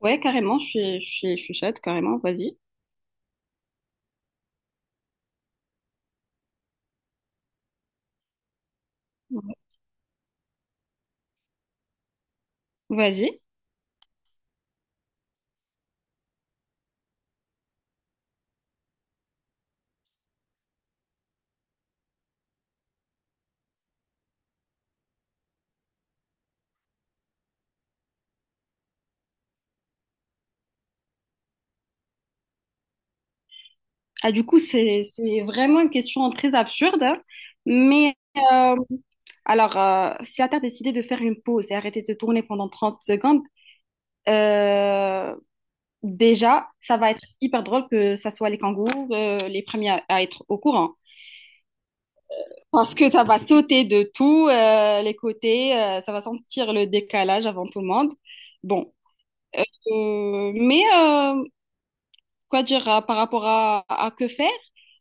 Ouais, carrément, je suis chaude, carrément, vas-y. Ouais. Vas-y. Ah, du coup, c'est vraiment une question très absurde, hein. mais euh, si t'as décidé de faire une pause et arrêter de tourner pendant 30 secondes, euh, déjà, ça va être hyper drôle que ça soit les kangourous, les premiers à être au courant. Parce que ça va sauter de tous les côtés, ça va sentir le décalage avant tout le monde. Bon, mais quoi dire par rapport à que faire?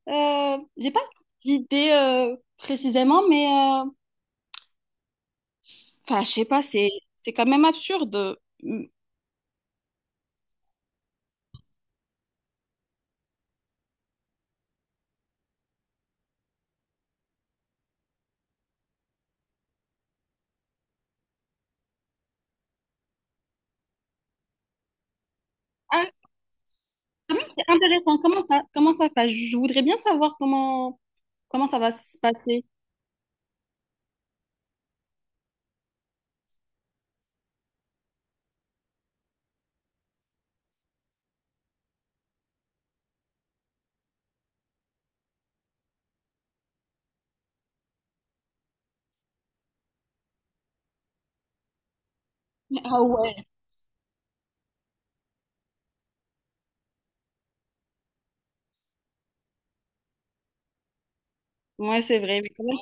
J'ai pas d'idée précisément, mais enfin, je sais pas, c'est quand même absurde. Hum. Ah, quand même, c'est intéressant. Enfin, je voudrais bien savoir comment ça va se passer. Ah ouais. Ouais, c'est vrai, mais quand même,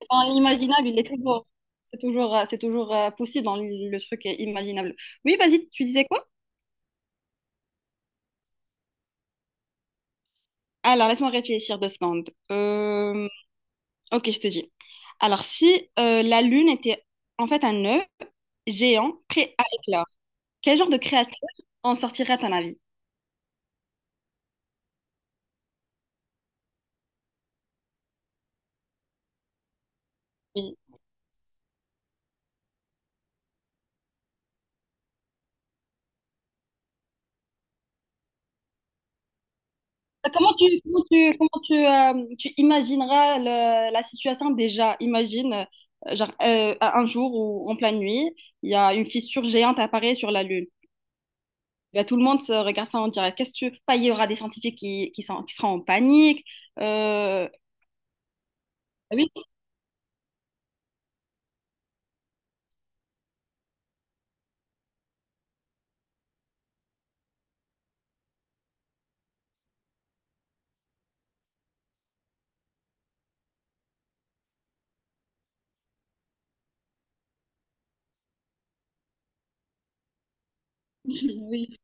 c'est dans l'imaginable, il est toujours, c'est toujours, c'est toujours possible dans le truc est imaginable. Oui, vas-y, tu disais quoi? Alors, laisse-moi réfléchir 2 secondes. Ok, je te dis. Alors, si la Lune était en fait un œuf géant prêt à éclore, quel genre de créature en sortirait à ton avis? Oui. Comment tu imagineras la situation déjà? Imagine, genre, un jour ou en pleine nuit, il y a une fissure géante apparaît sur la Lune. Ben, tout le monde se regarde ça en direct. Qu'est-ce que tu... Pas il y aura des scientifiques qui seront en panique. Euh, Oui, oui.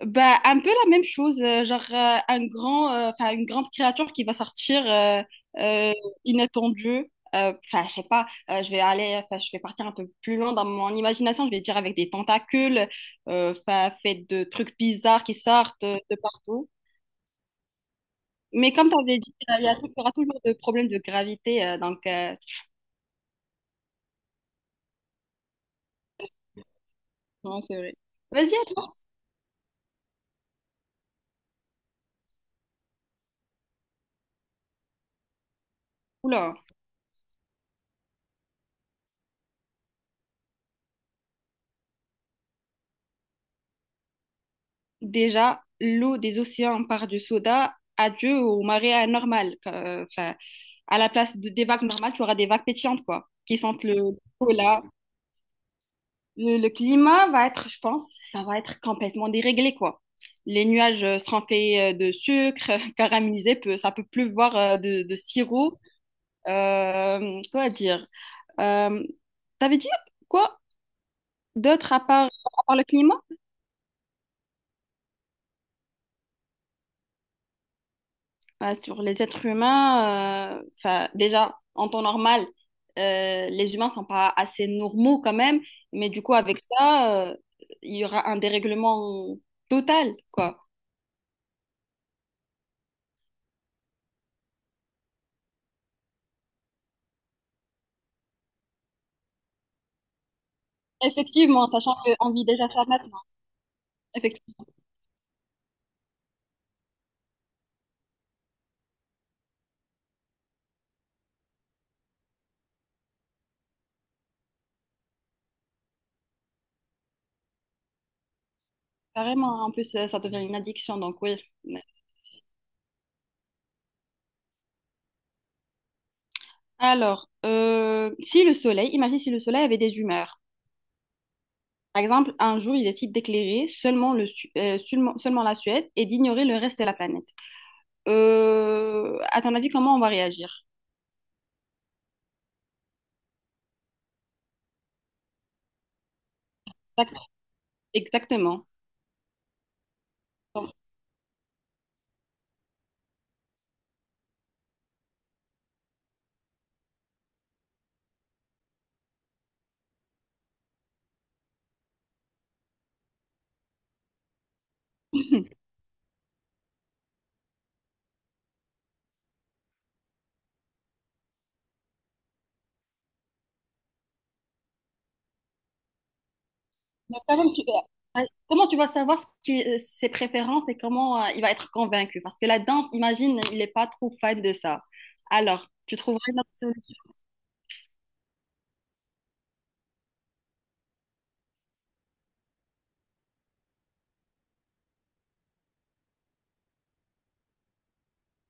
Bah, un peu la même chose, genre enfin, une grande créature qui va sortir euh, inattendue. Enfin, je sais pas, enfin, je vais partir un peu plus loin dans mon imagination. Je vais dire avec des tentacules, enfin, fait de trucs bizarres qui sortent de partout. Mais comme tu avais dit, il y aura toujours des problèmes de gravité, donc non, c'est vrai. Vas-y, à toi. Oula. Déjà, l'eau des océans part du soda. Adieu au marais anormal. Enfin, à la place des vagues normales, tu auras des vagues pétillantes, quoi, qui sentent le cola. Le climat va être, je pense, ça va être complètement déréglé, quoi. Les nuages seront faits de sucre caramélisé, ça peut pleuvoir de sirop. Quoi dire? Euh, T'avais dit quoi d'autre à part le climat? Bah, sur les êtres humains, 'fin, déjà, en temps normal, les humains sont pas assez normaux quand même, mais du coup, avec ça, il y aura un dérèglement total, quoi. Effectivement, sachant qu'on vit déjà ça maintenant. Effectivement, carrément. Hein. En plus, ça devient une addiction, donc oui. Alors, si le soleil, imagine si le soleil avait des humeurs. Par exemple, un jour, il décide d'éclairer seulement la Suède et d'ignorer le reste de la planète. À ton avis, comment on va réagir? Exact- Exactement. Bon. Mais quand même, ouais, comment tu vas savoir ses préférences et comment il va être convaincu? Parce que la danse, imagine, il n'est pas trop fan de ça. Alors, tu trouveras une autre solution.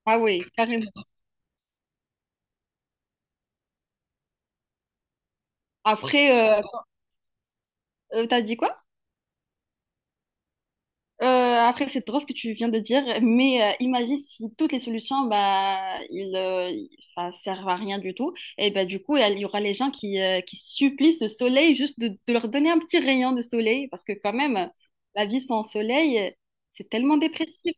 Ah oui, carrément. Après, tu as dit quoi? Après, c'est drôle ce que tu viens de dire, mais imagine si toutes les solutions, bah, ils enfin, servent à rien du tout. Et bah, du coup, il y aura les gens qui supplient ce soleil juste de leur donner un petit rayon de soleil, parce que quand même, la vie sans soleil, c'est tellement dépressif.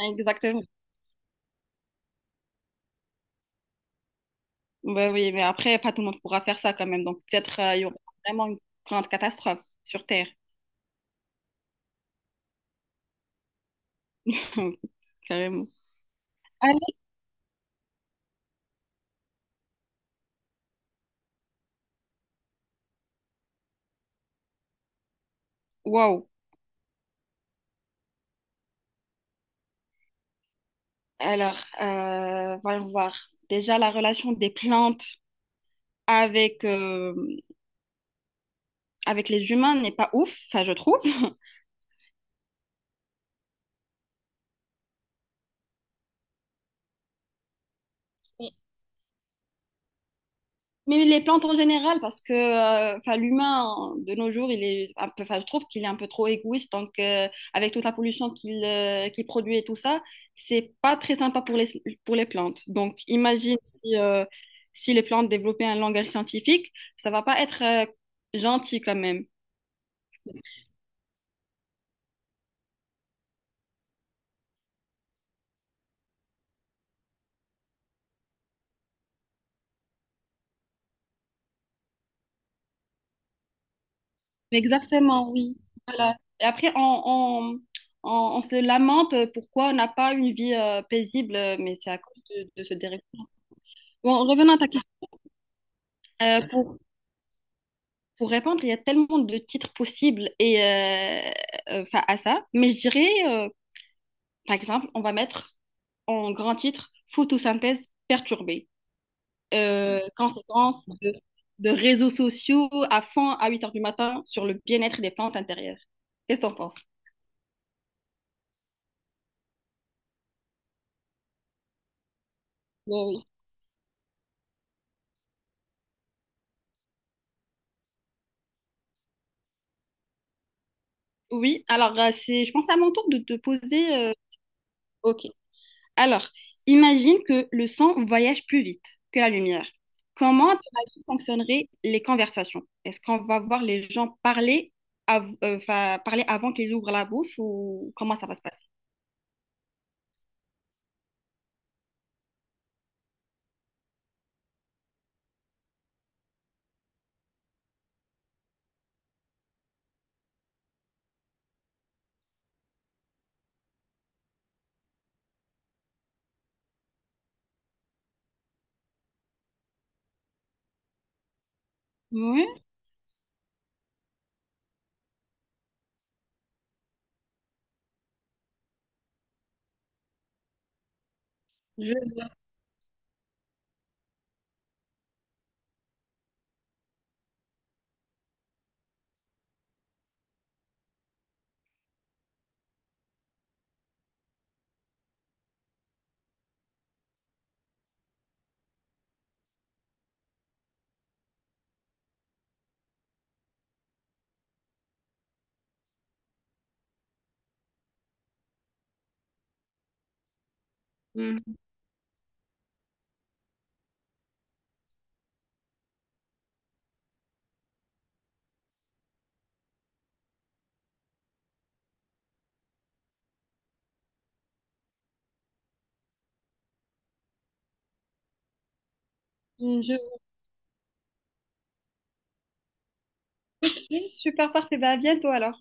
Exactement. Bah oui, mais après, pas tout le monde pourra faire ça quand même. Donc peut-être il y aura vraiment une grande catastrophe sur Terre, carrément. Alors, waouh. Alors, voyons voir. Déjà, la relation des plantes, avec, euh, avec les humains n'est pas ouf, enfin, je trouve. Mais les plantes en général, parce que enfin, l'humain, de nos jours, il est un peu, enfin, je trouve qu'il est un peu trop égoïste. Donc, avec toute la pollution qu'il produit et tout ça, c'est pas très sympa pour les plantes. Donc, imagine si, si les plantes développaient un langage scientifique, ça va pas être gentil quand même. Exactement, oui. Voilà. Et après, on- on se lamente pourquoi on n'a pas une vie paisible, mais c'est à cause de ce dérèglement. Bon, revenons à ta question. Euh, pour, pour répondre, il y a tellement de titres possibles et, 'fin, à ça, mais je dirais, par exemple, on va mettre en grand titre photosynthèse perturbée. Conséquence de réseaux sociaux à fond à 8 heures du matin sur le bien-être des plantes intérieures. Qu'est-ce que t'en penses? Oui, oui, alors je pense à mon tour de te poser. Ok. Alors, imagine que le son voyage plus vite que la lumière. Comment, à ton avis, fonctionneraient les conversations? Est-ce qu'on va voir les gens parler avant qu'ils ouvrent la bouche ou comment ça va se passer? Oui, je, Hmm. je, oui, super parfait. Bah, à bientôt alors.